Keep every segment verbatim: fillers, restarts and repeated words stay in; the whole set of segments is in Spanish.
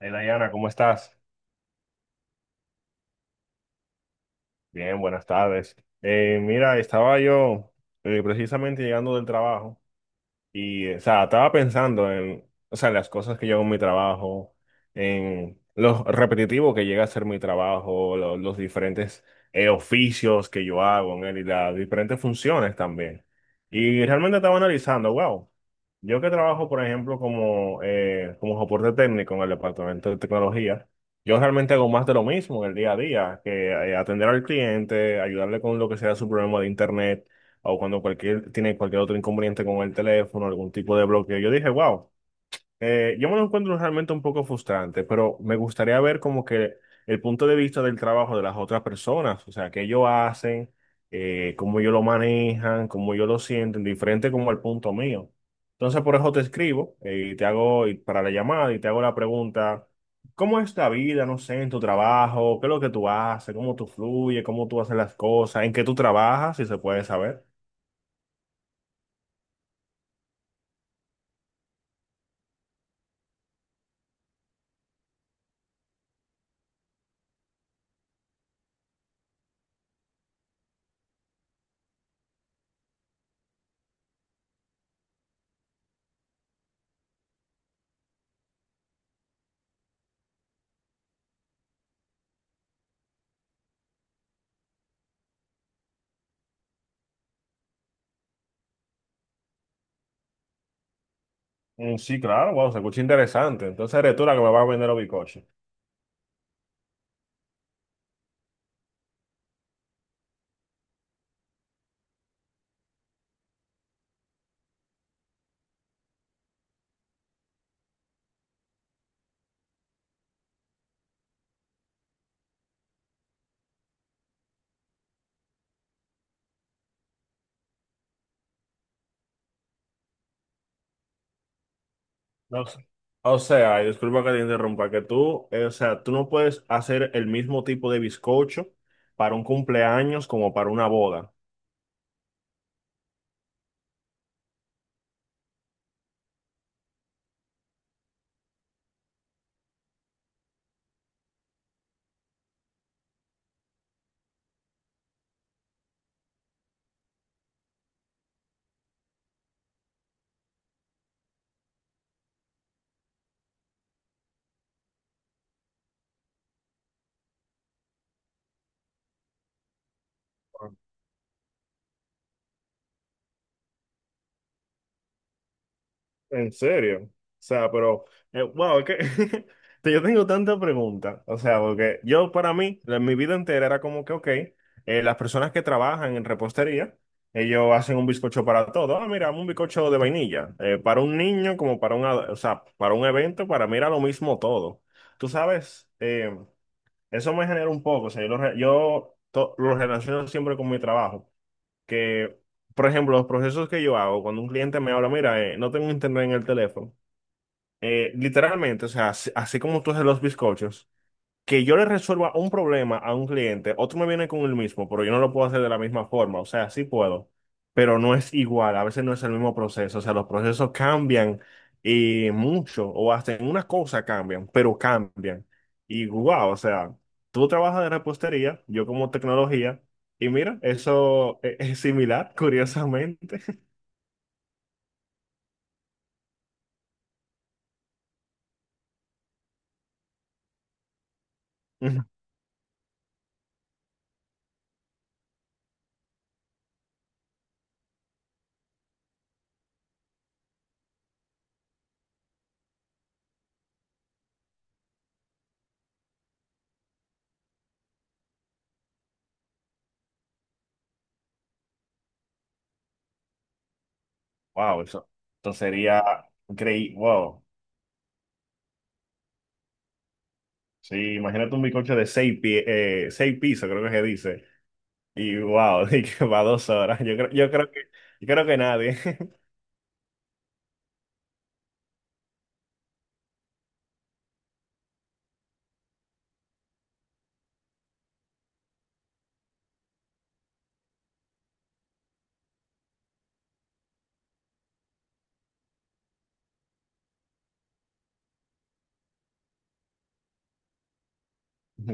Hey Diana, ¿cómo estás? Bien, buenas tardes. Eh, mira, estaba yo eh, precisamente llegando del trabajo. Y, o sea, estaba pensando en, o sea, en las cosas que yo hago en mi trabajo, en lo repetitivo que llega a ser mi trabajo, lo- los diferentes eh, oficios que yo hago en él y las diferentes funciones también. Y realmente estaba analizando, wow, yo que trabajo, por ejemplo, como, eh, como soporte técnico en el departamento de tecnología, yo realmente hago más de lo mismo en el día a día, que eh, atender al cliente, ayudarle con lo que sea su problema de internet o cuando cualquier, tiene cualquier otro inconveniente con el teléfono, algún tipo de bloqueo. Yo dije, wow, eh, yo me lo encuentro realmente un poco frustrante, pero me gustaría ver como que el punto de vista del trabajo de las otras personas, o sea, qué ellos hacen, eh, cómo ellos lo manejan, cómo ellos lo sienten, diferente como el punto mío. Entonces, por eso te escribo, eh, y te hago y para la llamada y te hago la pregunta. ¿Cómo es la vida, no sé, en tu trabajo? ¿Qué es lo que tú haces? ¿Cómo tú fluyes? ¿Cómo tú haces las cosas? ¿En qué tú trabajas? Si se puede saber. Mm, sí, claro, wow, se escucha interesante. Entonces eres tú la que me vas a vender los bizcochos. No sé. O sea, y disculpa que te interrumpa, que tú, eh, o sea, tú no puedes hacer el mismo tipo de bizcocho para un cumpleaños como para una boda. En serio. O sea, pero, eh, wow, es que te- yo tengo tantas preguntas. O sea, porque yo para mí, la- mi vida entera era como que, ok, eh, las personas que trabajan en repostería, ellos hacen un bizcocho para todo. Ah, mira, un bizcocho de vainilla. Eh, para un niño, como para un, ad- o sea, para un evento, para mí era lo mismo todo. Tú sabes, eh, eso me genera un poco. O sea, yo lo, re- yo to- lo relaciono siempre con mi trabajo que, por ejemplo, los procesos que yo hago, cuando un cliente me habla, mira, eh, no tengo internet en el teléfono, eh, literalmente, o sea, así, así como tú haces los bizcochos, que yo le resuelva un problema a un cliente, otro me viene con el mismo, pero yo no lo puedo hacer de la misma forma. O sea, sí puedo, pero no es igual. A veces no es el mismo proceso. O sea, los procesos cambian eh, mucho o hasta en una cosa cambian, pero cambian. Y wow, o sea, tú trabajas de repostería, yo como tecnología, y mira, eso e- es similar, curiosamente. Ujú. Wow, eso. eso sería increíble. Wow. Sí, imagínate un bizcocho de seis, pie- eh, seis pisos, creo que se dice. Y wow, y que va dos horas. Yo creo, yo creo que, yo creo que nadie.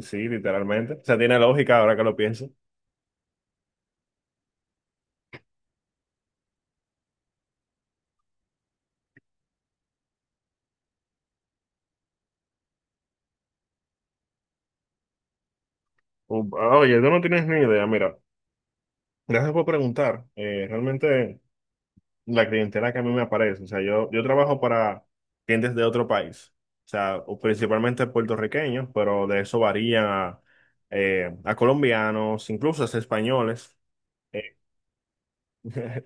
Sí, literalmente. O sea, tiene lógica ahora que lo pienso. U- Oye, tú no tienes ni idea. Mira, gracias por preguntar. Eh, realmente la clientela que a mí me aparece. O sea, yo, yo trabajo para clientes de otro país. O sea, o principalmente puertorriqueños, pero de eso varía a, eh, a colombianos, incluso hasta españoles.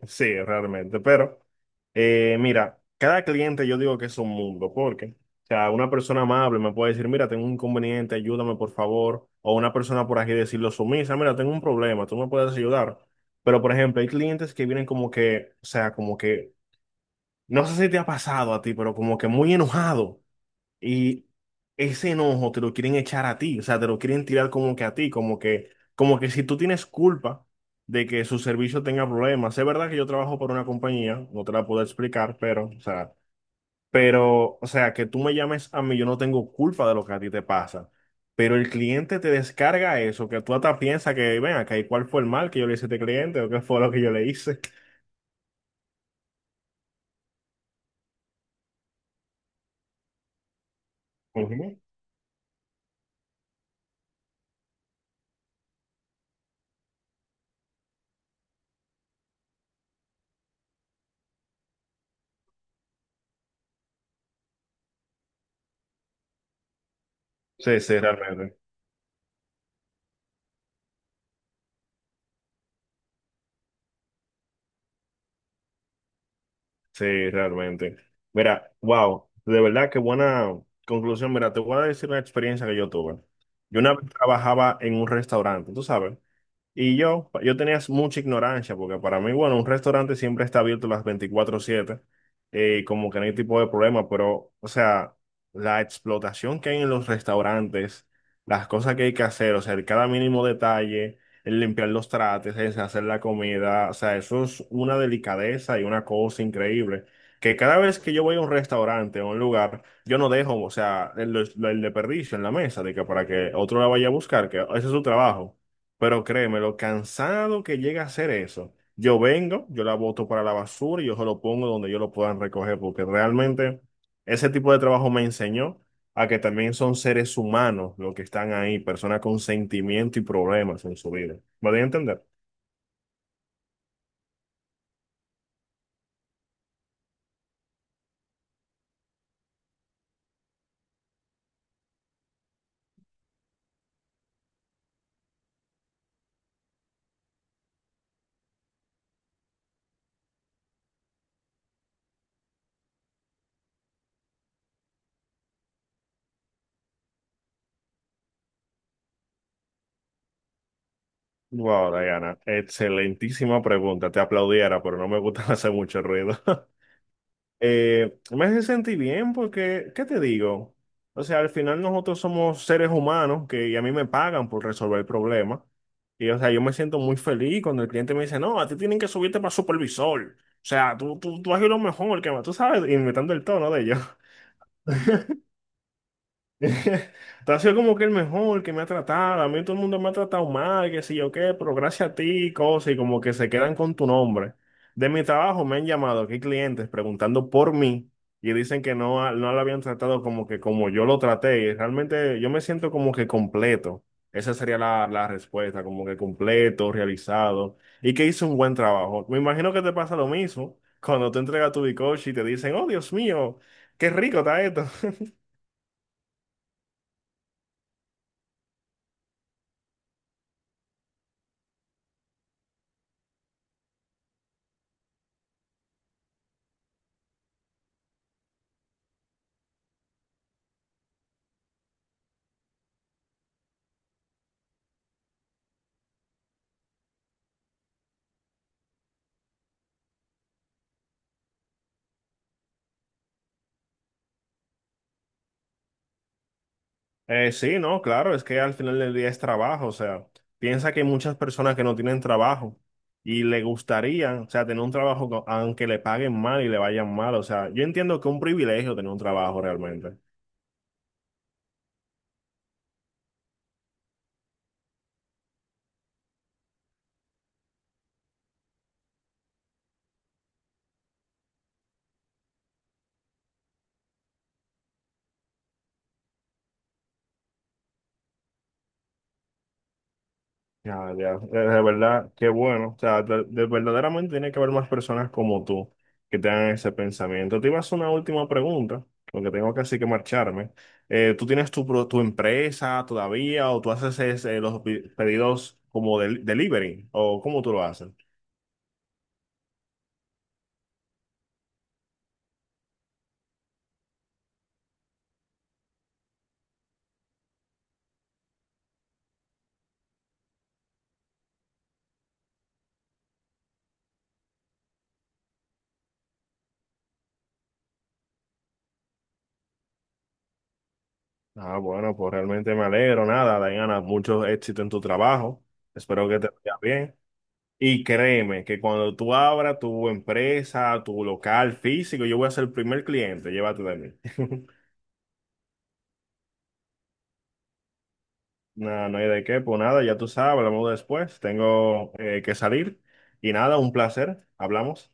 Sí, realmente, pero eh, mira, cada cliente yo digo que es un mundo, porque, o sea, una persona amable me puede decir, mira, tengo un inconveniente, ayúdame por favor, o una persona por aquí decirlo sumisa, mira, tengo un problema, tú me puedes ayudar. Pero, por ejemplo, hay clientes que vienen como que, o sea, como que, no sé si te ha pasado a ti, pero como que muy enojado. Y ese enojo te lo quieren echar a ti, o sea, te lo quieren tirar como que a ti, como que, como que si tú tienes culpa de que su servicio tenga problemas. Es verdad que yo trabajo para una compañía, no te la puedo explicar, pero, o sea, pero, o sea, que tú me llames a mí, yo no tengo culpa de lo que a ti te pasa. Pero el cliente te descarga eso, que tú hasta piensas que, ven acá, ¿y cuál fue el mal que yo le hice a este cliente o qué fue lo que yo le hice? Ujú. Sí, sí, realmente. Sí, realmente. Mira, wow, de verdad qué buena conclusión. Mira, te voy a decir una experiencia que yo tuve. Yo una vez trabajaba en un restaurante, tú sabes. Y yo, yo tenía mucha ignorancia, porque para mí, bueno, un restaurante siempre está abierto las veinticuatro siete, eh, como que no hay tipo de problema, pero, o sea, la explotación que hay en los restaurantes, las cosas que hay que hacer, o sea, el cada mínimo detalle, el limpiar los trates, el hacer la comida, o sea, eso es una delicadeza y una cosa increíble. Que cada vez que yo voy a un restaurante o a un lugar, yo no dejo, o sea, el, el desperdicio en la mesa, de que para que otro la vaya a buscar, que ese es su trabajo. Pero créeme, lo cansado que llega a ser eso. Yo vengo, yo la boto para la basura y yo se lo pongo donde yo lo puedan recoger, porque realmente ese tipo de trabajo me enseñó a que también son seres humanos los que están ahí, personas con sentimiento y problemas en su vida. ¿Me voy a entender? Wow, Diana, excelentísima pregunta. Te aplaudiera, pero no me gusta hacer mucho ruido. Eh, me hace sentir bien porque, ¿qué te digo? O sea, al final nosotros somos seres humanos que y a mí me pagan por resolver problemas. Y, o sea, yo me siento muy feliz cuando el cliente me dice, no, a ti tienen que subirte para supervisor. O sea, tú, tú, tú haces lo mejor que más, tú sabes, inventando el tono de ello. Tú has sido como que el mejor que me ha tratado. A mí todo el mundo me ha tratado mal, que sé yo qué, pero gracias a ti, cosas, y como que se quedan con tu nombre. De mi trabajo me han llamado aquí clientes preguntando por mí y dicen que no, a- no lo habían tratado como que como yo lo traté. Y realmente yo me siento como que completo. Esa sería la, la respuesta, como que completo, realizado y que hizo un buen trabajo. Me imagino que te pasa lo mismo cuando tú entregas tu bizcocho y te dicen, oh Dios mío, qué rico está esto. Eh, sí, no, claro, es que al final del día es trabajo, o sea, piensa que hay muchas personas que no tienen trabajo y le gustaría, o sea, tener un trabajo co- aunque le paguen mal y le vayan mal, o sea, yo entiendo que es un privilegio tener un trabajo realmente. Ya, ya, de de verdad, qué bueno. O sea, de, de- verdaderamente tiene que haber más personas como tú que tengan ese pensamiento. Te iba a hacer una última pregunta, porque tengo casi que marcharme. Eh, ¿tú tienes tu, pro- tu empresa todavía o tú haces ese- los pi- pedidos como del delivery o cómo tú lo haces? Ah, bueno, pues realmente me alegro. Nada, Diana, mucho éxito en tu trabajo. Espero que te vaya bien. Y créeme que cuando tú abras tu empresa, tu local físico, yo voy a ser el primer cliente, llévate de mí. No, no hay de qué, pues nada, ya tú sabes, hablamos después, tengo eh, que salir. Y nada, un placer, hablamos.